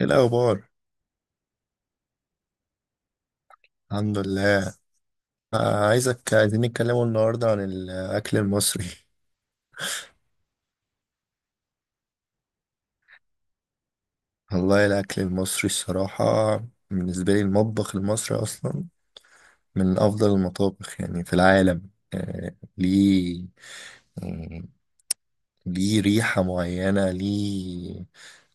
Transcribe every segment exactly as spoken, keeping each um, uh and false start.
ايه الاخبار؟ الحمد لله. آه، عايزك عايزين نتكلموا النهارده عن الاكل المصري. والله الاكل المصري الصراحه. بالنسبه لي المطبخ المصري اصلا من افضل المطابخ يعني في العالم. آه، ليه، آه، ليه ريحه معينه، ليه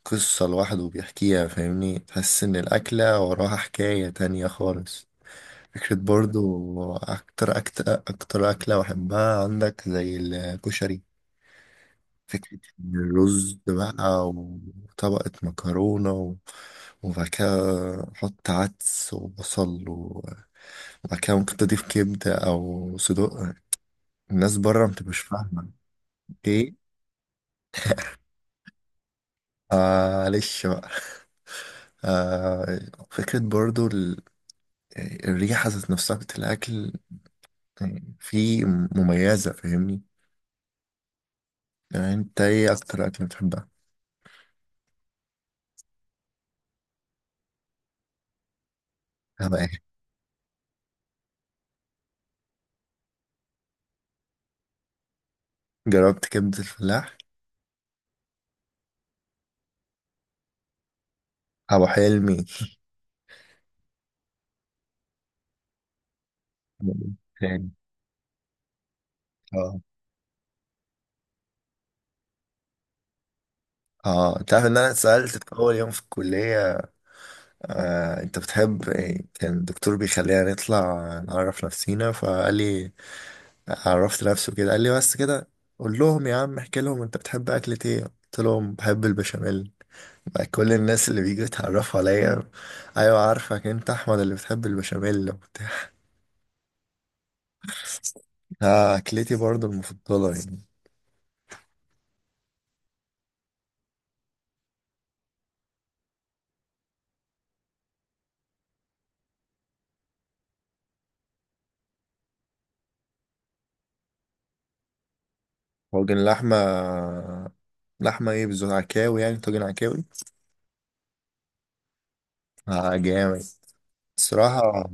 قصه لوحده بيحكيها. فاهمني، تحس ان الاكله وراها حكايه تانية خالص. فكرة برضو. أكتر أكتر أكتر أكلة بحبها عندك زي الكشري؟ فكرة. الرز بقى وطبقة مكرونة و- وبعد كده أحط عدس وبصل، و- وبعد كده ممكن تضيف كبدة أو صدوق. الناس بره متبقاش فاهمة. إيه؟ معلش بقى. آه. فكرة برضو ال- الريحة ذات نفسها بتاعت الأكل، يعني في مميزة. فاهمني. يعني أنت إيه أكتر أكل بتحبها؟ أنا إيه؟ جربت كبدة الفلاح؟ أبو حلمي. تاني. اه اه انت عارف ان انا اتسألت في اول يوم في الكلية. آه، انت بتحب إيه؟ كان الدكتور بيخلينا نطلع نعرف نفسينا، فقال لي عرفت نفسه كده، قال لي بس كده قول لهم، يا عم احكي لهم انت بتحب اكلة ايه. قلت لهم بحب البشاميل. بقى كل الناس اللي بيجوا يتعرفوا عليا: ايوه عارفك انت احمد اللي بتحب البشاميل وبتاع. آه، اكلتي برضو المفضلة يعني. طاجن لحمة. لحمة ايه بالظبط؟ عكاوي يعني؟ طاجن عكاوي. اه، جامد الصراحة.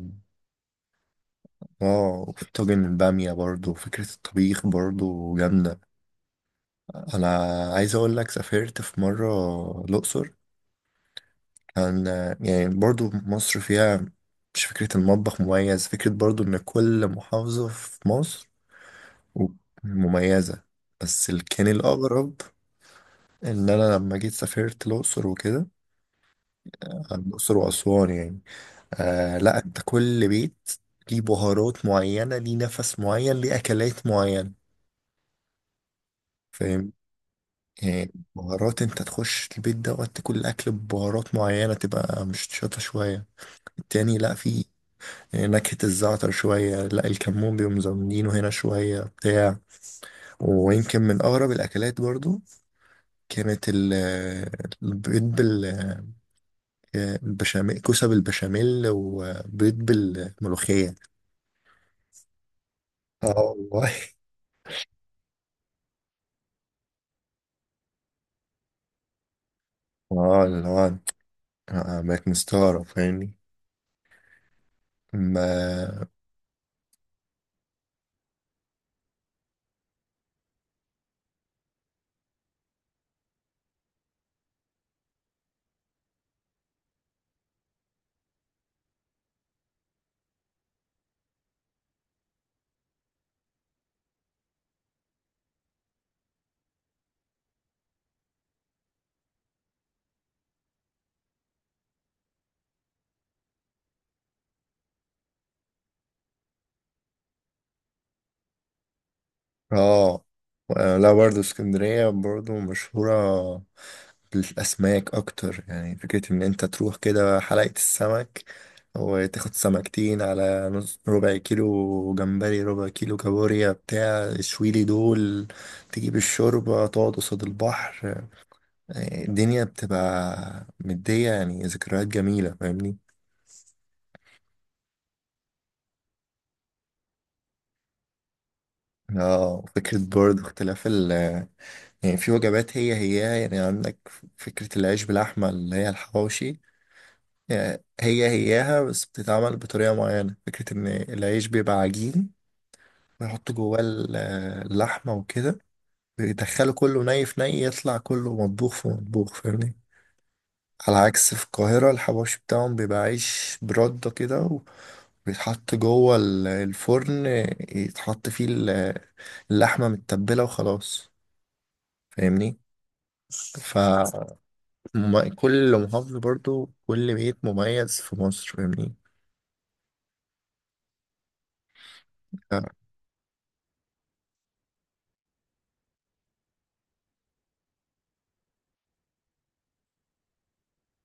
اه، وفي طاجن البامية برضو، فكرة الطبيخ برضو جامدة. أنا عايز أقول لك، سافرت في مرة الأقصر. كان يعني برضو مصر فيها، مش فكرة المطبخ مميز، فكرة برضو إن كل محافظة في مصر مميزة. بس اللي كان الأغرب إن أنا لما جيت سافرت الأقصر وكده، الأقصر وأسوان يعني. آه لأ، أنت كل بيت ليه بهارات معينة، ليه نفس معين، ليه أكلات معينة. فاهم. يعني بهارات، انت تخش البيت دوت تاكل الاكل ببهارات معينه، تبقى مش شاطه شويه. التاني لا، في نكهه الزعتر شويه، لا الكمون بيقوم مزودينه هنا شويه بتاع. ويمكن من اغرب الاكلات برضو كانت ال- البيض بال بالبشاميل، كوسه بالبشاميل وبيض بالملوخيه. اه، والله. اه، اللي هو آه، بقيت مستغرب فاهمني ما. اه، لا برضه اسكندرية برضه مشهورة. الأسماك أكتر، يعني فكرة إن أنت تروح كده حلقة السمك، وتاخد سمكتين على نص، ربع كيلو جمبري، ربع كيلو كابوريا بتاع، شويلي دول. تجيب الشوربة، تقعد قصاد البحر. يعني الدنيا بتبقى مدية، يعني ذكريات جميلة فاهمني. اه، فكرة برضه اختلاف ال يعني، في وجبات هي هي يعني. عندك فكرة العيش باللحمة اللي هي الحواوشي. يعني هي هياها بس بتتعمل بطريقة معينة. فكرة إن العيش بيبقى عجين، ويحط جواه ال- اللحمة وكده، بيدخله كله ني في ني يطلع كله مطبوخ في مطبوخ. فاهمني. على عكس في القاهرة، الحواوشي بتاعهم بيبقى عيش برده كده، وبيتحط جوه ال- الفرن، يتحط فيه ال- اللحمة متبلة وخلاص. فاهمني. ف- مم- كل محافظة برضو كل بيت مميز في مصر. فاهمني.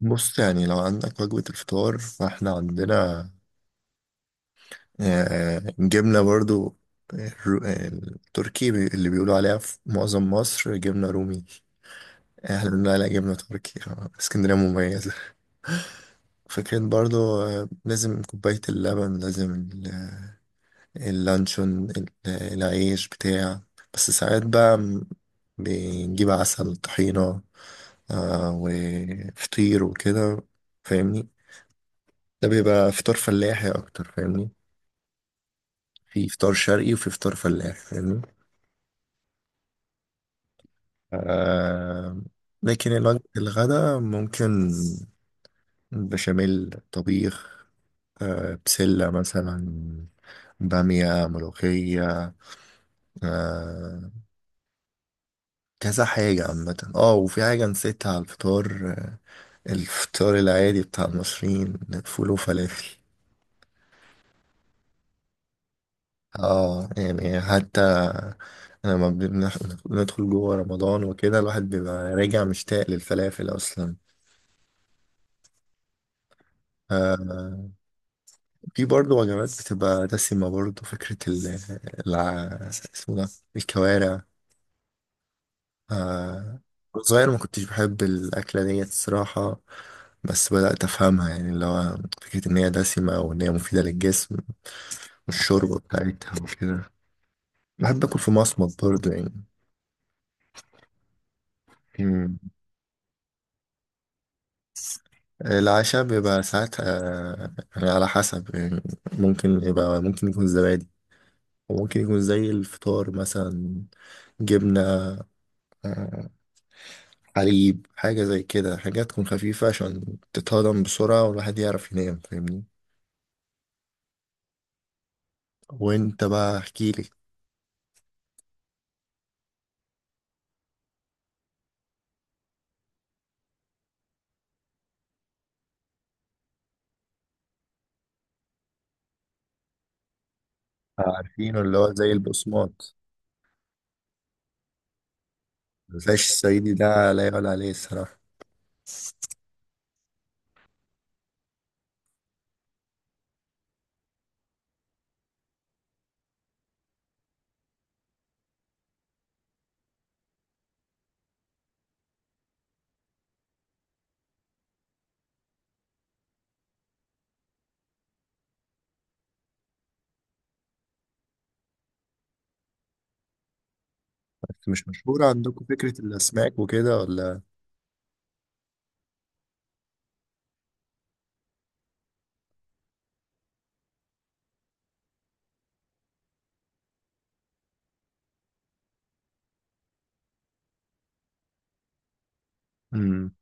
بص، يعني لو عندك وجبة الفطار فاحنا عندنا آه، جبنة برضو، آه، الر- آه، التركي، بي- اللي بيقولوا عليها في معظم مصر جبنة رومي. آه، احنا بنقول عليها جبنة تركي. آه، اسكندرية مميزة. فكرة برضو آه، لازم كوباية اللبن، لازم ال- اللانشون، ال- العيش بتاع. بس ساعات بقى م- بنجيب عسل طحينة، آه، وفطير وكده. فاهمني، ده بيبقى فطار فلاحي أكتر. فاهمني، في فطار شرقي وفي فطار فلاح. فاهمني. آه. لكن الوجبة الغداء ممكن بشاميل، طبيخ، آه بسلة مثلا، بامية، ملوخية، آه كذا حاجة عامة. اه، وفي حاجة نسيتها على الفطار، آه، الفطار العادي بتاع المصريين، فول وفلافل. اه، يعني حتى لما بنح- بندخل جوه رمضان وكده الواحد بيبقى راجع مشتاق للفلافل اصلا. آه. في برضه وجبات بتبقى دسمة برضه، فكرة ال الع- اسمه ده الكوارع. آه، وأنا صغير ما كنتش بحب الأكلة ديت الصراحة. بس بدأت أفهمها، يعني اللي هو فكرة إن هي دسمة وإن هي مفيدة للجسم والشوربة بتاعتها وكده. بحب آكل في مصمت برضه يعني. مم. العشاء بيبقى ساعات آه، يعني على حسب، يعني ممكن يبقى، ممكن يكون زبادي، وممكن يكون زي الفطار مثلا جبنة، آه، حليب، حاجة زي كده، حاجات تكون خفيفة عشان تتهضم بسرعة والواحد يعرف ينام. فاهمني. وانت بقى احكيلي. عارفينه، اللي هو زي البقسماط. العيش الصعيدي ده لا يعلى عليه الصراحة. بس مش مشهورة عندكم فكرة الأسماك وكده ولا؟ مم.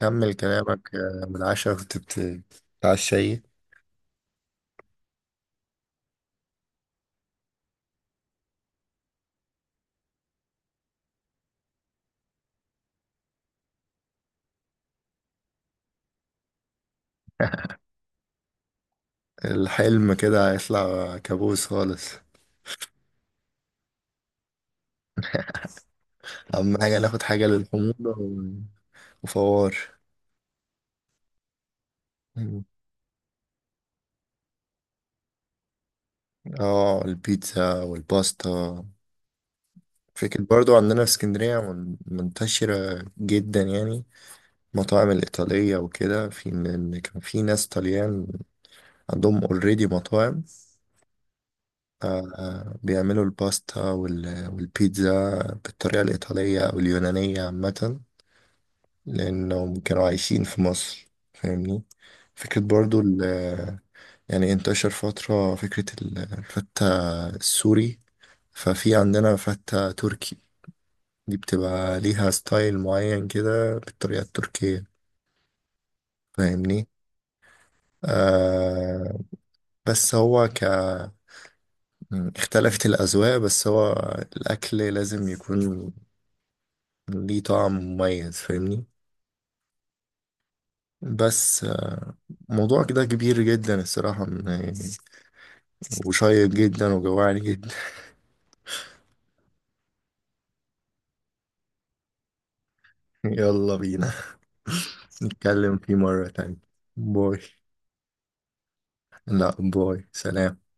كمل كلامك. آه، من العشاء كنت بت- بتتعشى ايه؟ الحلم كده هيطلع كابوس خالص. أهم حاجة ناخد حاجة للحموضة و- وفوار. مم. اه، البيتزا والباستا. فكرة برضو عندنا في اسكندرية من- منتشرة جدا يعني. المطاعم الإيطالية وكده، في إن كان في ناس طليان عندهم اوريدي مطاعم، آه، آه، بيعملوا الباستا وال- والبيتزا بالطريقة الإيطالية أو اليونانية عامة لأنهم كانوا عايشين في مصر. فاهمني. فكرة برضو ال- يعني، انتشر فترة فكرة ال- الفتة السوري. ففي عندنا فتة تركي، دي بتبقى ليها ستايل معين كده بالطريقة التركية. فاهمني. آه. بس هو ك م، اختلفت الأذواق. بس هو الأكل لازم يكون ليه طعم مميز. فاهمني. بس آه، موضوع كده كبير جدا الصراحة، م، يعني، وشيق جدا وجوعني جدا. يلا بينا. نتكلم فيه مرة تانية. باي. لا، باي، سلام.